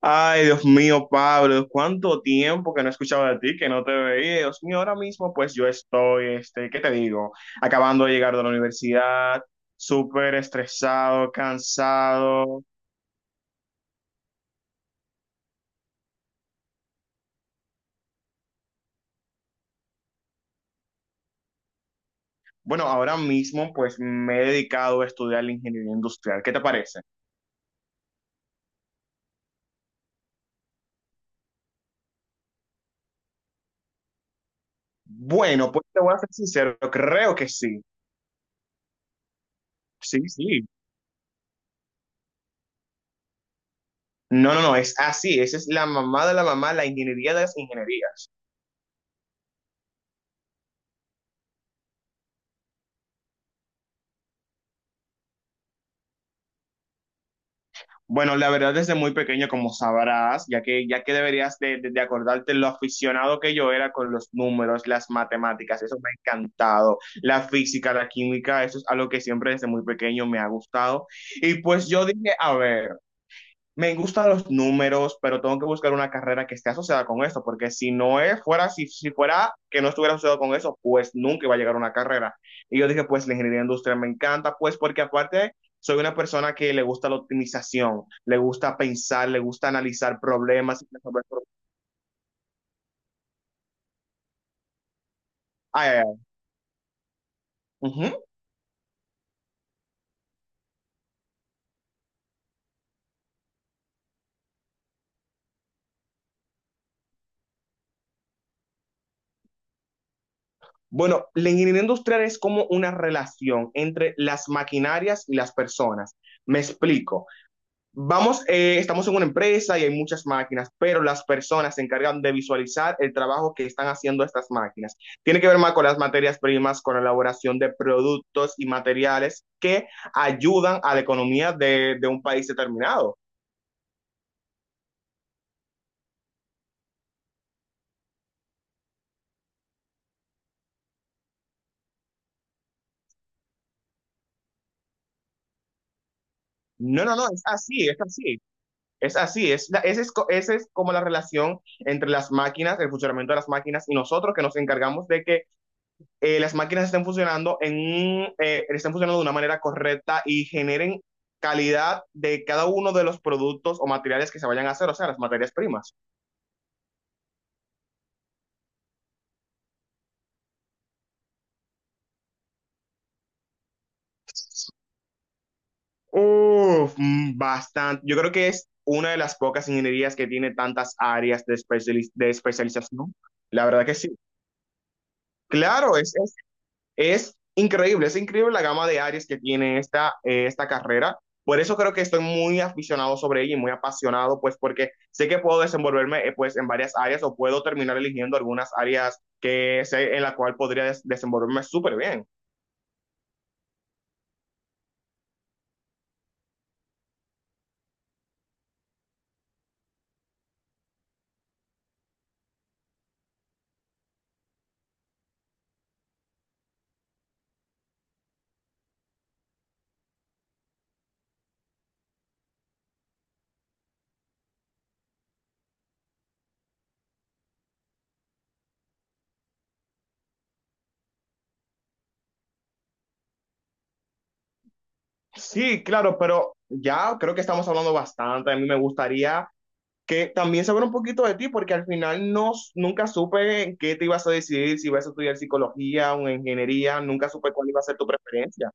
Ay, Dios mío, Pablo, cuánto tiempo que no escuchaba de ti, que no te veía. Dios mío, ahora mismo pues yo estoy, ¿qué te digo? Acabando de llegar de la universidad, súper estresado, cansado. Bueno, ahora mismo pues me he dedicado a estudiar la ingeniería industrial. ¿Qué te parece? Bueno, pues te voy a ser sincero, creo que sí. Sí, sí. No, no, no, es así, esa es la mamá de la mamá, la ingeniería de las ingenierías. Bueno, la verdad desde muy pequeño, como sabrás, ya que deberías de acordarte lo aficionado que yo era con los números, las matemáticas, eso me ha encantado, la física, la química, eso es algo que siempre desde muy pequeño me ha gustado. Y pues yo dije, a ver, me gustan los números, pero tengo que buscar una carrera que esté asociada con eso, porque si no es, fuera, si fuera que no estuviera asociado con eso, pues nunca iba a llegar a una carrera. Y yo dije, pues la ingeniería industrial me encanta, pues porque aparte soy una persona que le gusta la optimización, le gusta pensar, le gusta analizar problemas y resolver problemas. Ay, ay, ay. Ujú. Bueno, la ingeniería industrial es como una relación entre las maquinarias y las personas. Me explico. Vamos, estamos en una empresa y hay muchas máquinas, pero las personas se encargan de visualizar el trabajo que están haciendo estas máquinas. Tiene que ver más con las materias primas, con la elaboración de productos y materiales que ayudan a la economía de un país determinado. No, no, no, es así, es así, es así, es, esa es, esa es como la relación entre las máquinas, el funcionamiento de las máquinas y nosotros que nos encargamos de que las máquinas estén funcionando, estén funcionando de una manera correcta y generen calidad de cada uno de los productos o materiales que se vayan a hacer, o sea, las materias primas. Uf, bastante. Yo creo que es una de las pocas ingenierías que tiene tantas áreas de, de especialización. La verdad que sí. Claro, es increíble, es increíble la gama de áreas que tiene esta carrera. Por eso creo que estoy muy aficionado sobre ella y muy apasionado, pues porque sé que puedo desenvolverme, pues en varias áreas o puedo terminar eligiendo algunas áreas que sé en la cual podría desenvolverme súper bien. Sí, claro, pero ya creo que estamos hablando bastante. A mí me gustaría que también saber un poquito de ti, porque al final no, nunca supe en qué te ibas a decidir, si ibas a estudiar psicología o ingeniería, nunca supe cuál iba a ser tu preferencia.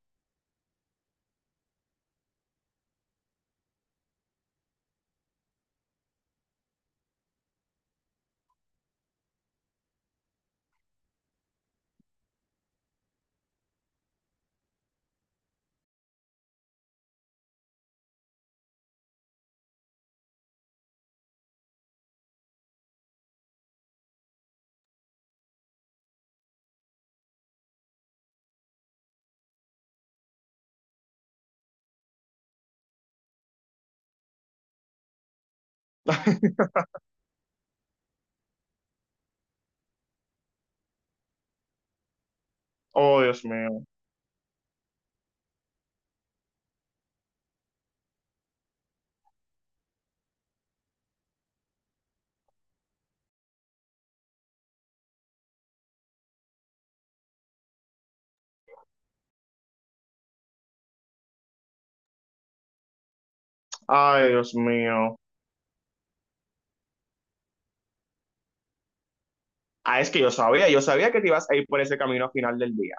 Oh, Dios mío. Ay, Dios mío. Ah, es que yo sabía que te ibas a ir por ese camino al final del día.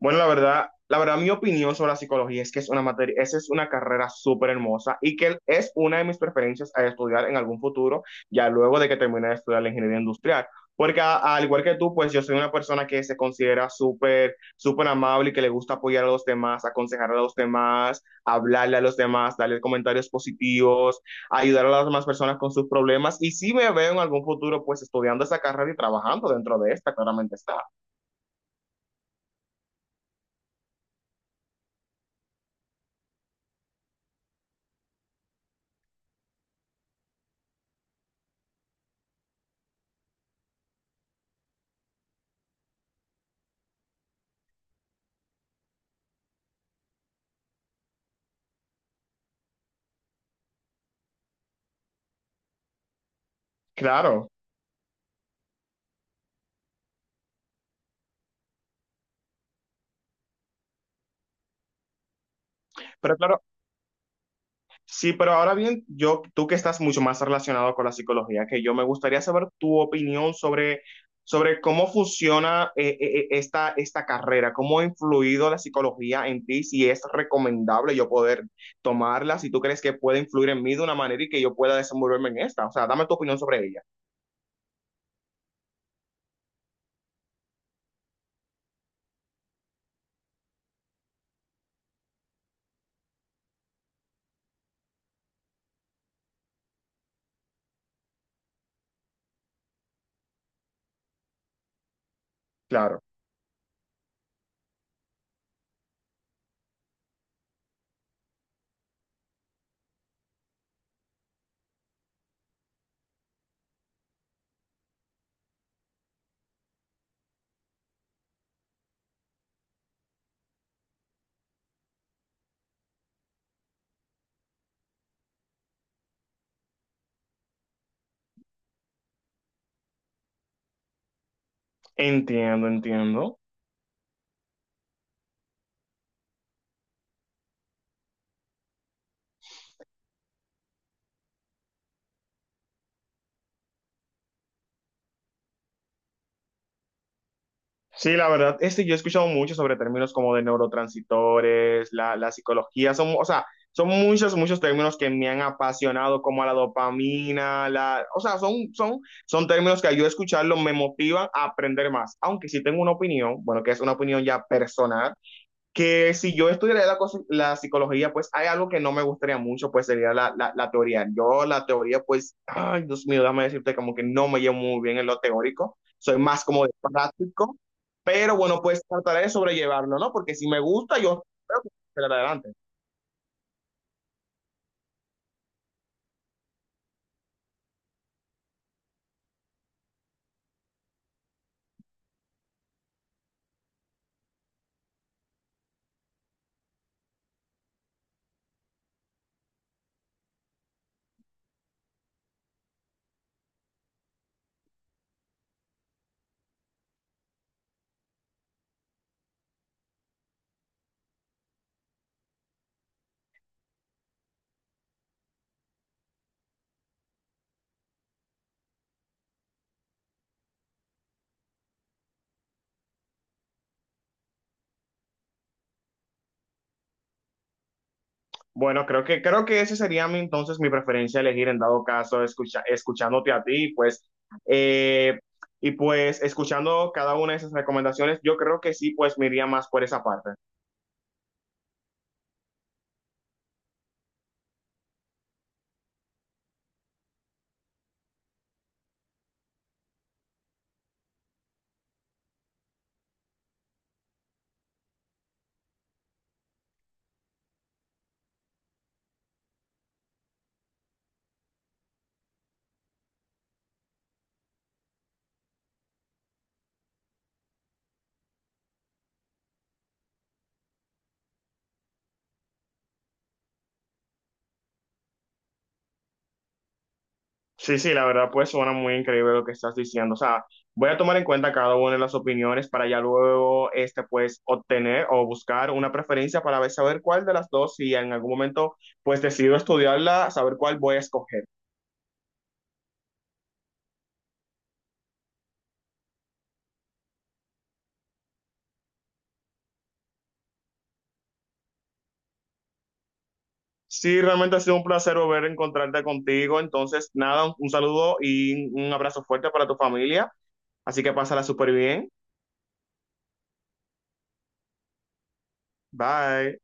Bueno, la verdad, mi opinión sobre la psicología es que es una materia, esa es una carrera súper hermosa y que es una de mis preferencias a estudiar en algún futuro, ya luego de que termine de estudiar la ingeniería industrial. Porque al igual que tú, pues yo soy una persona que se considera súper, súper amable y que le gusta apoyar a los demás, aconsejar a los demás, hablarle a los demás, darle comentarios positivos, ayudar a las demás personas con sus problemas. Y si me veo en algún futuro, pues estudiando esa carrera y trabajando dentro de esta, claramente está. Claro. Pero claro, sí, pero ahora bien, yo, tú que estás mucho más relacionado con la psicología que yo, me gustaría saber tu opinión sobre, sobre cómo funciona esta carrera, cómo ha influido la psicología en ti, si es recomendable yo poder tomarla, si tú crees que puede influir en mí de una manera y que yo pueda desenvolverme en esta. O sea, dame tu opinión sobre ella. Claro. Entiendo, entiendo. Sí, la verdad, yo he escuchado mucho sobre términos como de neurotransmisores, la psicología, son, o sea, son muchos, muchos términos que me han apasionado, como la dopamina, la, o sea, son, son, son términos que al yo escucharlo me motivan a aprender más, aunque sí tengo una opinión, bueno, que es una opinión ya personal, que si yo estudiara la psicología, pues hay algo que no me gustaría mucho, pues sería la teoría. Yo la teoría, pues, ay, Dios mío, déjame decirte como que no me llevo muy bien en lo teórico, soy más como de práctico, pero bueno, pues trataré de sobrellevarlo, ¿no? Porque si me gusta, yo creo que voy a hacer adelante. Bueno, creo que ese sería mi, entonces mi preferencia elegir en dado caso, escucha, escuchándote a ti, pues, eh, y pues escuchando cada una de esas recomendaciones, yo creo que sí, pues me iría más por esa parte. Sí, sí, la verdad pues suena muy increíble lo que estás diciendo. O sea, voy a tomar en cuenta cada una de las opiniones para ya luego este pues obtener o buscar una preferencia para saber cuál de las dos, si en algún momento pues decido estudiarla, saber cuál voy a escoger. Sí, realmente ha sido un placer volver a encontrarte contigo. Entonces, nada, un saludo y un abrazo fuerte para tu familia. Así que pásala súper bien. Bye.